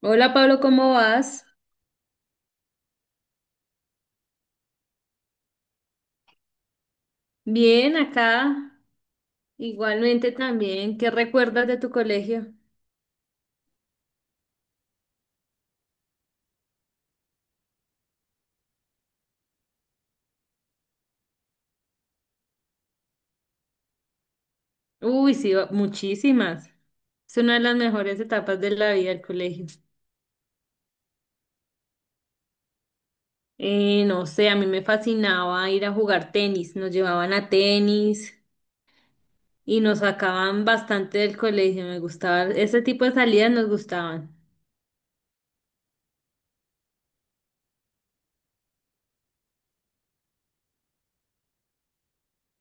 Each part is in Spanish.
Hola Pablo, ¿cómo vas? Bien, acá. Igualmente también. ¿Qué recuerdas de tu colegio? Uy, sí, muchísimas. Es una de las mejores etapas de la vida del colegio. No sé, a mí me fascinaba ir a jugar tenis. Nos llevaban a tenis y nos sacaban bastante del colegio. Me gustaba, ese tipo de salidas nos gustaban.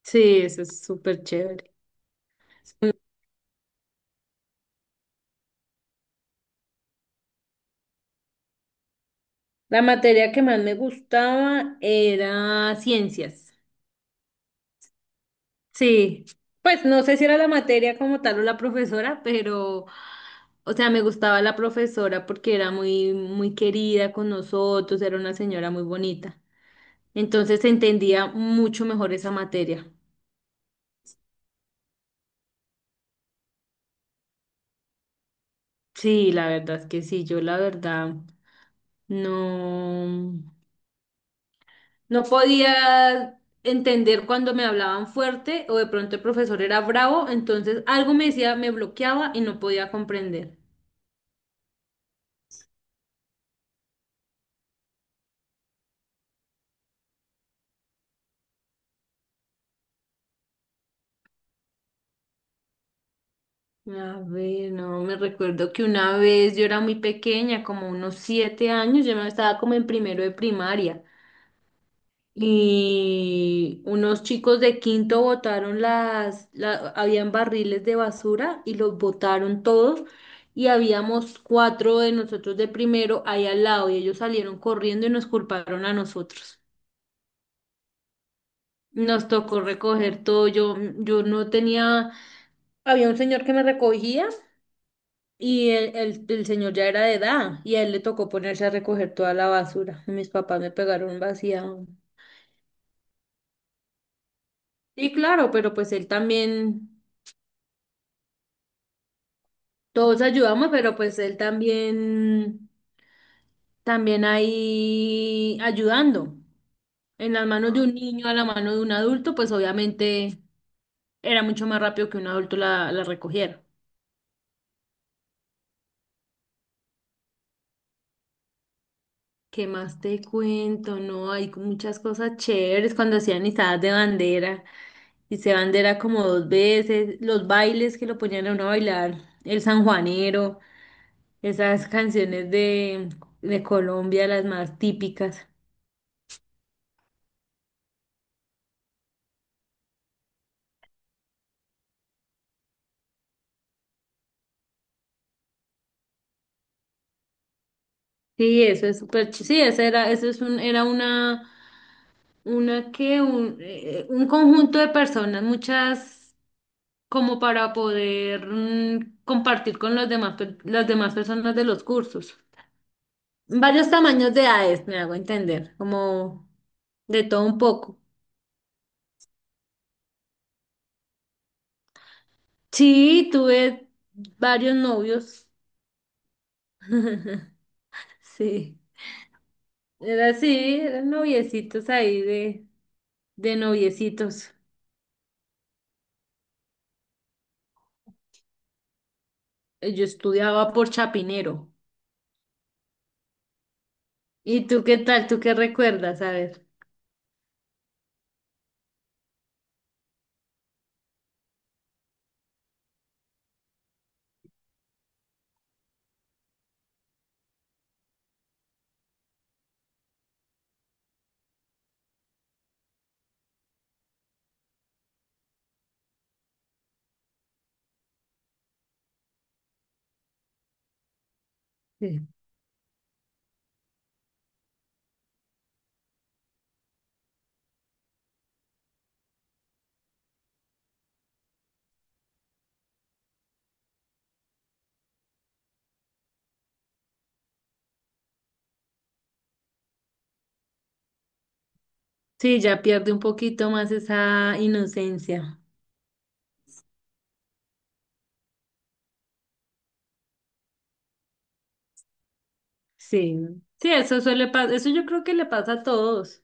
Sí, eso es súper chévere. La materia que más me gustaba era ciencias. Sí, pues no sé si era la materia como tal o la profesora, pero, o sea, me gustaba la profesora porque era muy, muy querida con nosotros, era una señora muy bonita. Entonces se entendía mucho mejor esa materia. Sí, la verdad es que sí. Yo la verdad no, no podía entender cuando me hablaban fuerte o de pronto el profesor era bravo, entonces algo me decía, me bloqueaba y no podía comprender. A ver, no, me recuerdo que una vez yo era muy pequeña, como unos 7 años, yo me estaba como en primero de primaria y unos chicos de quinto botaron habían barriles de basura y los botaron todos, y habíamos 4 de nosotros de primero ahí al lado y ellos salieron corriendo y nos culparon a nosotros. Nos tocó recoger todo, yo no tenía, había un señor que me recogía. Y el señor ya era de edad y a él le tocó ponerse a recoger toda la basura. Mis papás me pegaron vacía. Sí, claro, pero pues él también, todos ayudamos, pero pues él también, también ahí ayudando. En las manos de un niño a la mano de un adulto, pues obviamente era mucho más rápido que un adulto la recogiera. ¿Qué más te cuento? No, hay muchas cosas chéveres cuando hacían izadas de bandera. Y se bandera como 2 veces, los bailes que lo ponían a uno a bailar, el sanjuanero, esas canciones de Colombia, las más típicas. Sí, eso es sí, esa era, eso es un, era una que, un conjunto de personas, muchas como para poder compartir con los demás, las demás personas de los cursos. Varios tamaños de edades, me hago entender, como de todo un poco. Sí, tuve varios novios. Sí, era así, eran noviecitos ahí de noviecitos. Yo estudiaba por Chapinero. ¿Y tú qué tal? ¿Tú qué recuerdas? A ver. Sí, sí, ya pierde un poquito más esa inocencia. Sí, sí, eso suele pasar, eso yo creo que le pasa a todos,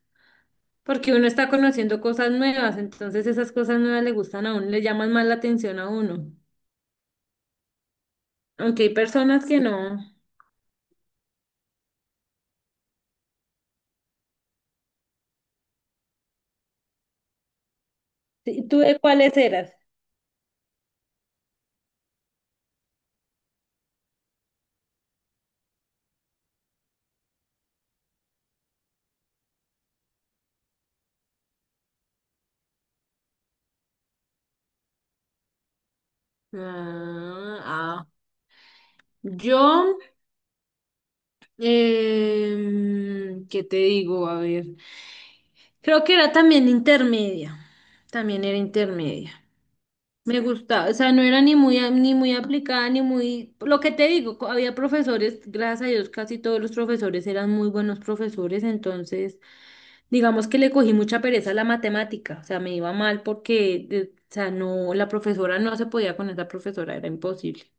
porque uno está conociendo cosas nuevas, entonces esas cosas nuevas le gustan a uno, le llaman más la atención a uno. Aunque hay personas que no. Sí, ¿tú de cuáles eras? Ah, ah. Yo, ¿qué te digo? A ver, creo que era también intermedia, también era intermedia. Me gustaba, o sea, no era ni muy, ni muy aplicada, ni muy... Lo que te digo, había profesores, gracias a Dios, casi todos los profesores eran muy buenos profesores, entonces, digamos que le cogí mucha pereza a la matemática, o sea, me iba mal porque, o sea, no, la profesora no se podía con esa profesora, era imposible.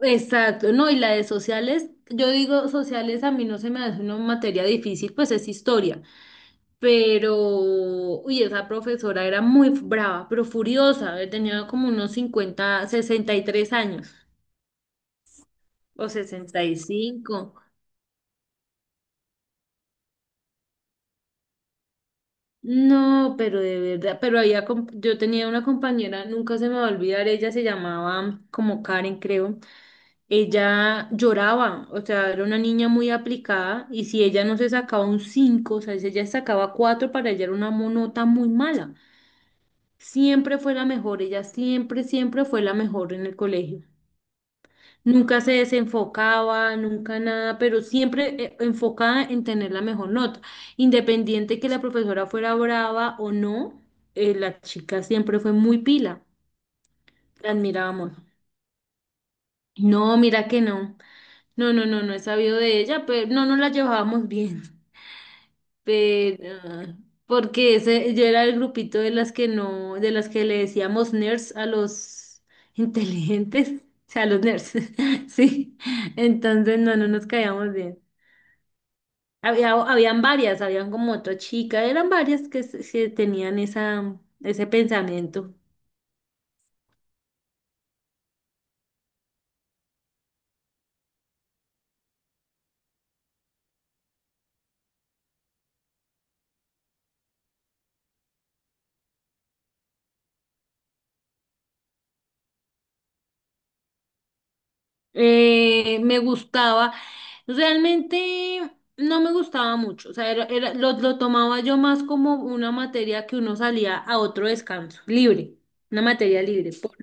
Exacto, no, y la de sociales, yo digo sociales a mí no se me hace una materia difícil, pues es historia, pero, uy, esa profesora era muy brava, pero furiosa, tenía como unos 50 60 y 3 años o 65. No, pero de verdad, pero había, yo tenía una compañera, nunca se me va a olvidar, ella se llamaba como Karen, creo. Ella lloraba, o sea, era una niña muy aplicada y si ella no se sacaba un 5, o sea, si ella sacaba 4 para ella era una nota muy mala. Siempre fue la mejor, ella siempre, siempre fue la mejor en el colegio. Nunca se desenfocaba, nunca nada, pero siempre enfocada en tener la mejor nota. Independiente que la profesora fuera brava o no, la chica siempre fue muy pila. La admirábamos. No, mira que no. No, no, no, no he sabido de ella, pero no nos la llevábamos bien. Pero ah, porque ese, yo era el grupito de las que no, de las que le decíamos nerds a los inteligentes, o sea, a los nerds. Sí. Entonces no, no nos caíamos bien. Había, habían varias, habían como otra chica, eran varias que, que tenían esa, ese pensamiento. Me gustaba, realmente no me gustaba mucho, o sea, lo tomaba yo más como una materia que uno salía a otro descanso, libre, una materia libre,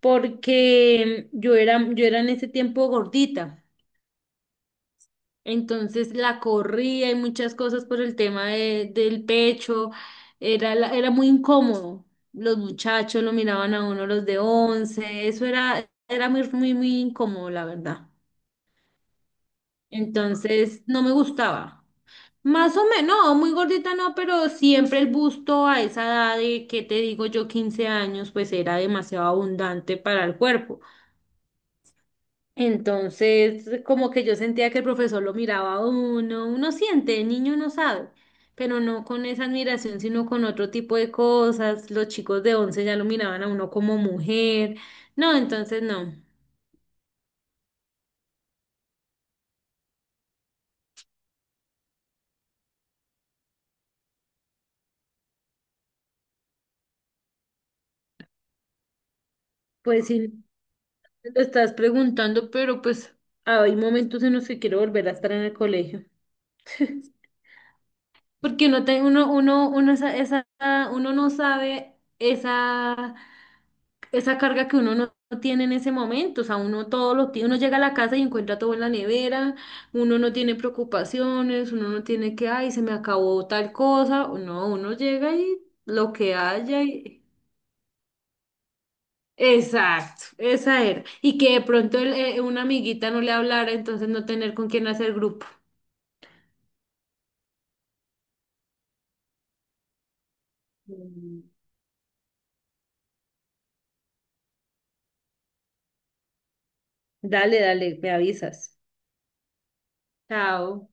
porque yo era en ese tiempo gordita, entonces la corría y muchas cosas por el tema del pecho, era, era muy incómodo. Los muchachos lo miraban a uno los de once, eso era, era muy, muy, muy incómodo, la verdad. Entonces, no me gustaba. Más o menos, no, muy gordita no, pero siempre el busto a esa edad de, ¿qué te digo yo? 15 años, pues era demasiado abundante para el cuerpo. Entonces, como que yo sentía que el profesor lo miraba a uno, uno siente, el niño no sabe, pero no con esa admiración, sino con otro tipo de cosas. Los chicos de 11 ya lo miraban a uno como mujer. No, entonces no. Pues sí, lo estás preguntando, pero pues hay momentos en los que quiero volver a estar en el colegio. Porque uno, uno, esa, uno no sabe esa, esa carga que uno no tiene en ese momento. O sea, uno todo lo tiene, uno llega a la casa y encuentra todo en la nevera, uno no tiene preocupaciones, uno no tiene que, ay, se me acabó tal cosa. No, uno llega y lo que haya. Exacto, esa era. Y que de pronto una amiguita no le hablara, entonces no tener con quién hacer grupo. Mm. Dale, dale, me avisas. Chao.